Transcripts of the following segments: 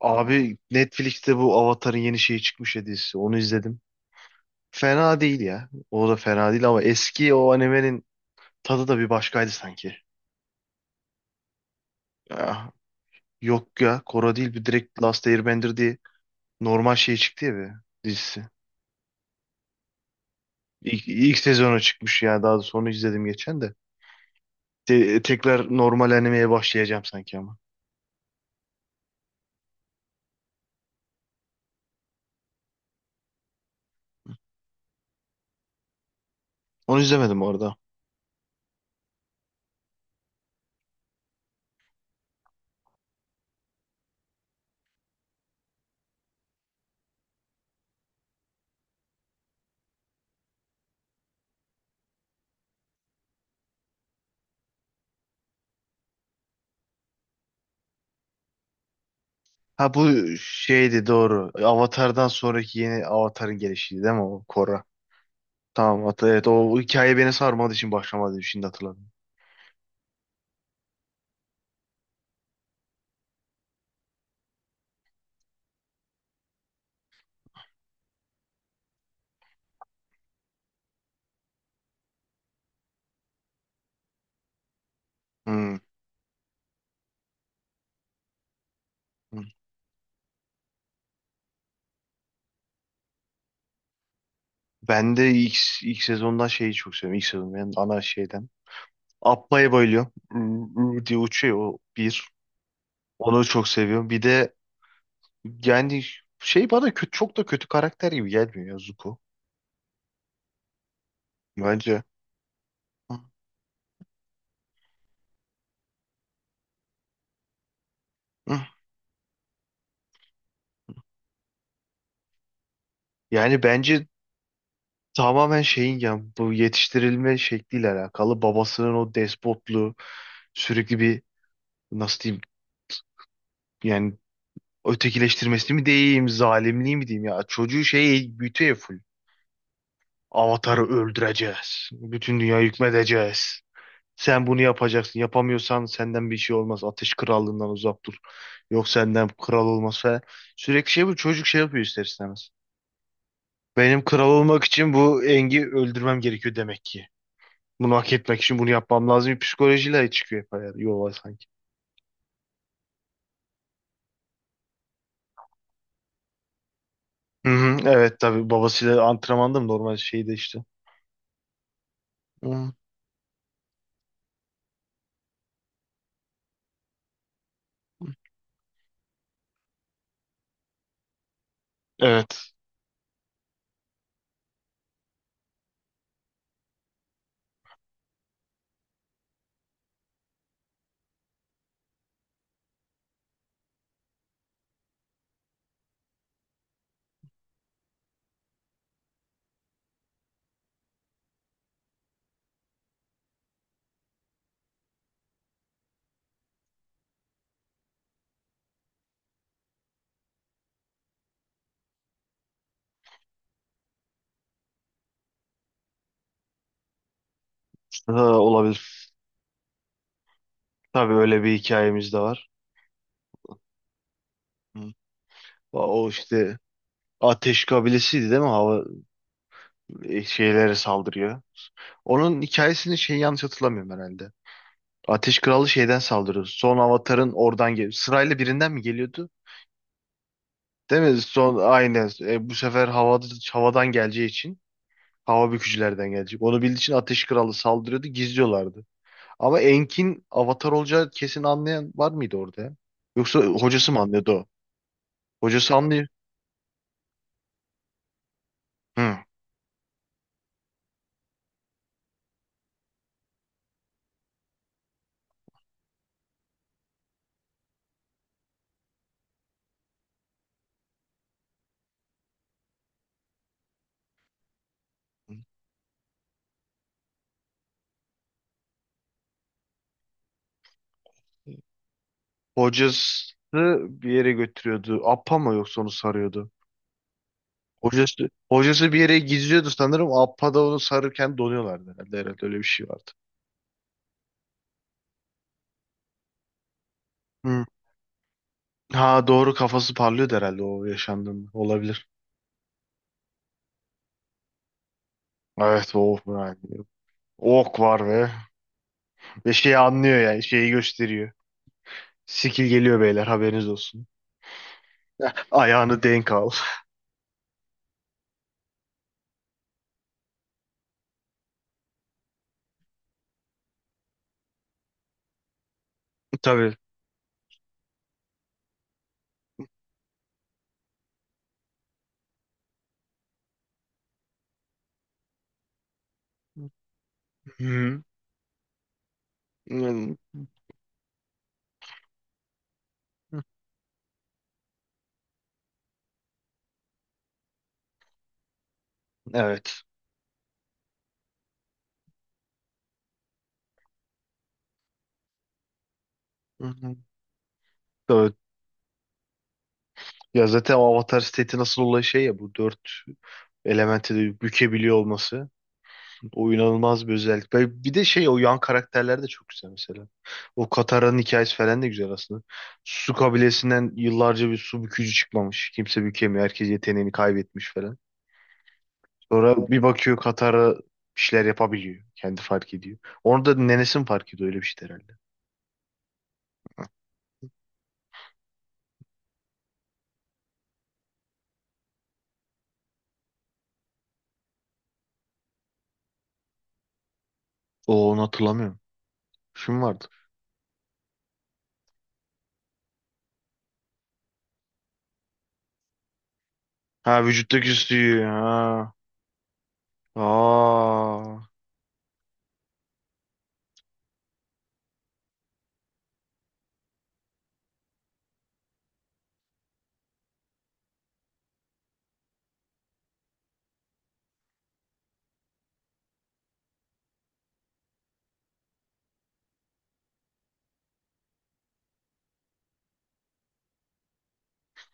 Abi Netflix'te bu Avatar'ın yeni şeyi çıkmış ya dizisi. Onu izledim. Fena değil ya. O da fena değil ama eski o animenin tadı da bir başkaydı sanki. Ya, yok ya. Korra değil bir direkt Last Airbender diye normal şey çıktı ya bir dizisi. İlk sezonu çıkmış ya. Daha da sonra izledim geçen de. Tekrar normal animeye başlayacağım sanki ama. Onu izlemedim orada. Ha bu şeydi doğru. Avatar'dan sonraki yeni Avatar'ın gelişiydi değil mi o Korra? Tamam evet o hikaye beni sarmadığı için başlamadı, şimdi hatırladım. Hmm. Hmm. Ben de ilk sezondan şeyi çok seviyorum. İlk sezon benim ana şeyden. Appa'ya bayılıyorum. Ü diye uçuyor o bir. Onu çok seviyorum. Bir de yani şey, bana kötü, çok da kötü karakter gibi gelmiyor ya Zuko. Bence. Hı, hı. Yani bence tamamen şeyin ya, bu yetiştirilme şekliyle alakalı. Babasının o despotluğu, sürekli bir, nasıl diyeyim, yani ötekileştirmesi mi diyeyim, zalimliği mi diyeyim ya. Çocuğu şey büyütüyor full. Avatar'ı öldüreceğiz. Bütün dünya hükmedeceğiz. Sen bunu yapacaksın. Yapamıyorsan senden bir şey olmaz. Ateş krallığından uzak dur. Yok senden kral olmaz falan. Sürekli şey bu. Çocuk şey yapıyor ister istemez. Benim kral olmak için bu Engi öldürmem gerekiyor demek ki. Bunu hak etmek için bunu yapmam lazım. Bir psikolojiyle çıkıyor hep yola sanki. Hı hı, evet tabii babasıyla antrenmanda mı, normal şeyde işte. Hı. Evet, ha, olabilir. Tabii öyle bir hikayemiz de var. Hı. O işte ateş kabilesiydi değil mi? Hava şeylere saldırıyor. Onun hikayesini şey, yanlış hatırlamıyorum herhalde. Ateş Kralı şeyden saldırıyor. Son Avatar'ın oradan geliyor. Sırayla birinden mi geliyordu? Değil mi? Son aynı. Bu sefer havadan geleceği için hava bükücülerden gelecek. Onu bildiği için Ateş Kralı saldırıyordu. Gizliyorlardı. Ama Enk'in Avatar olacağı kesin, anlayan var mıydı orada ya? Yoksa hocası mı anlıyordu o? Hocası anlıyor. Hı. Hocası bir yere götürüyordu. Appa mı yoksa onu sarıyordu? Hocası bir yere gizliyordu sanırım. Appa da onu sarırken donuyorlardı herhalde. Herhalde öyle bir şey vardı. Hı. Ha doğru, kafası parlıyordu herhalde o yaşandığında. Olabilir. Evet o yani. Ok var ve şeyi anlıyor, yani şeyi gösteriyor. Skill geliyor beyler, haberiniz olsun. Ayağını denk al. Tabii. Hı. Hı. Evet. Hı hı. Tabii. Ya zaten o Avatar seti nasıl olay, şey ya, bu dört elementi de bükebiliyor olması. O inanılmaz bir özellik. Ve bir de şey, o yan karakterler de çok güzel mesela. O Katara'nın hikayesi falan da güzel aslında. Su kabilesinden yıllarca bir su bükücü çıkmamış. Kimse bükemiyor. Herkes yeteneğini kaybetmiş falan. Sonra bir bakıyor Katara bir şeyler yapabiliyor. Kendi fark ediyor. Onu da nenesi mi fark ediyor, öyle bir şey herhalde. O, onu hatırlamıyorum. Şu mu vardı? Ha, vücuttaki suyu. Ha. Aa.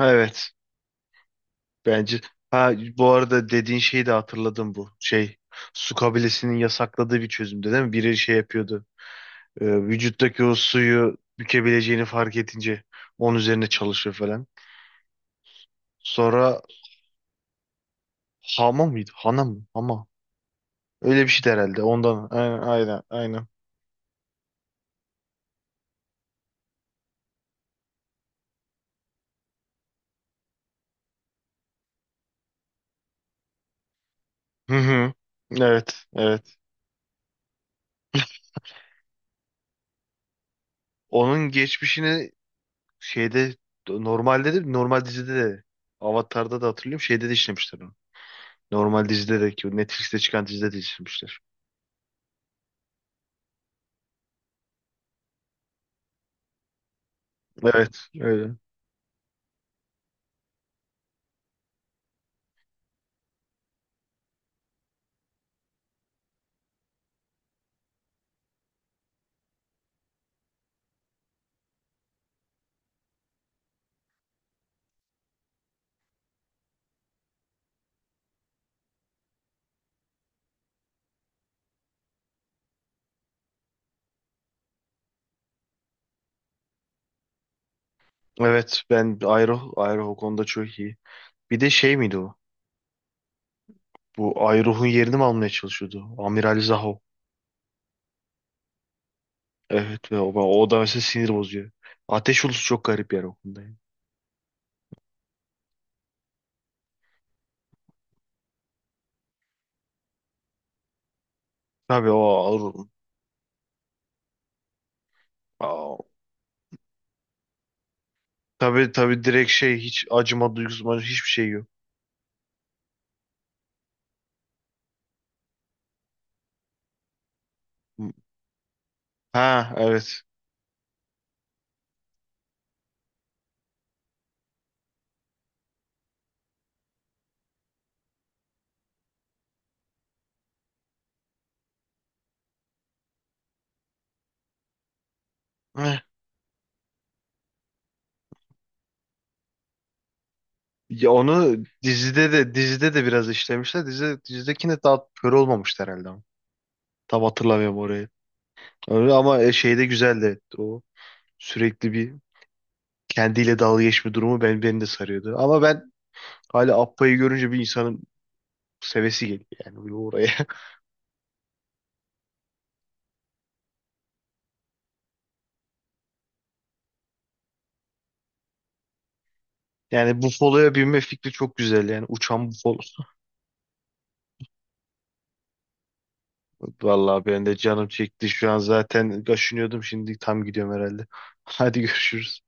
Evet. Bence. Ha bu arada dediğin şeyi de hatırladım, bu şey, su kabilesinin yasakladığı bir çözümde değil mi? Biri şey yapıyordu. Vücuttaki o suyu bükebileceğini fark edince onun üzerine çalışıyor falan. Sonra Hama mıydı? Hana mı? Hama. Öyle bir şeydi herhalde. Ondan. Aynen, aynen, aynen. Hı hı. Evet, evet. Onun geçmişini şeyde, normalde de, normal dizide de Avatar'da da hatırlıyorum. Şeyde de işlemişler onu. Normal dizide de ki, o Netflix'te çıkan dizide de işlemişler. Evet, öyle. Evet, ben Ayruh, Ayruh o konuda çok iyi. Bir de şey miydi o? Bu Ayruh'un yerini mi almaya çalışıyordu? Amiral Zaho. Evet ve o, o da mesela sinir bozuyor. Ateş Ulusu çok garip yer o konuda, yani. Tabii o ağır. Aa, tabii tabii, direkt şey, hiç acıma duygusu hiçbir şey yok. Ha evet. Heh. Ya onu dizide de, dizide de biraz işlemişler. Dizide, dizidekine daha kör olmamıştı herhalde ama. Tam hatırlamıyorum orayı. Öyle ama şey de güzeldi. O sürekli bir kendiyle dalga geçme durumu beni de sarıyordu. Ama ben hala Appa'yı görünce bir insanın sevesi geliyor yani bir oraya. Yani bufaloya binme fikri çok güzel, yani uçan bufalo. Vallahi ben de canım çekti şu an, zaten kaşınıyordum, şimdi tam gidiyorum herhalde. Hadi görüşürüz.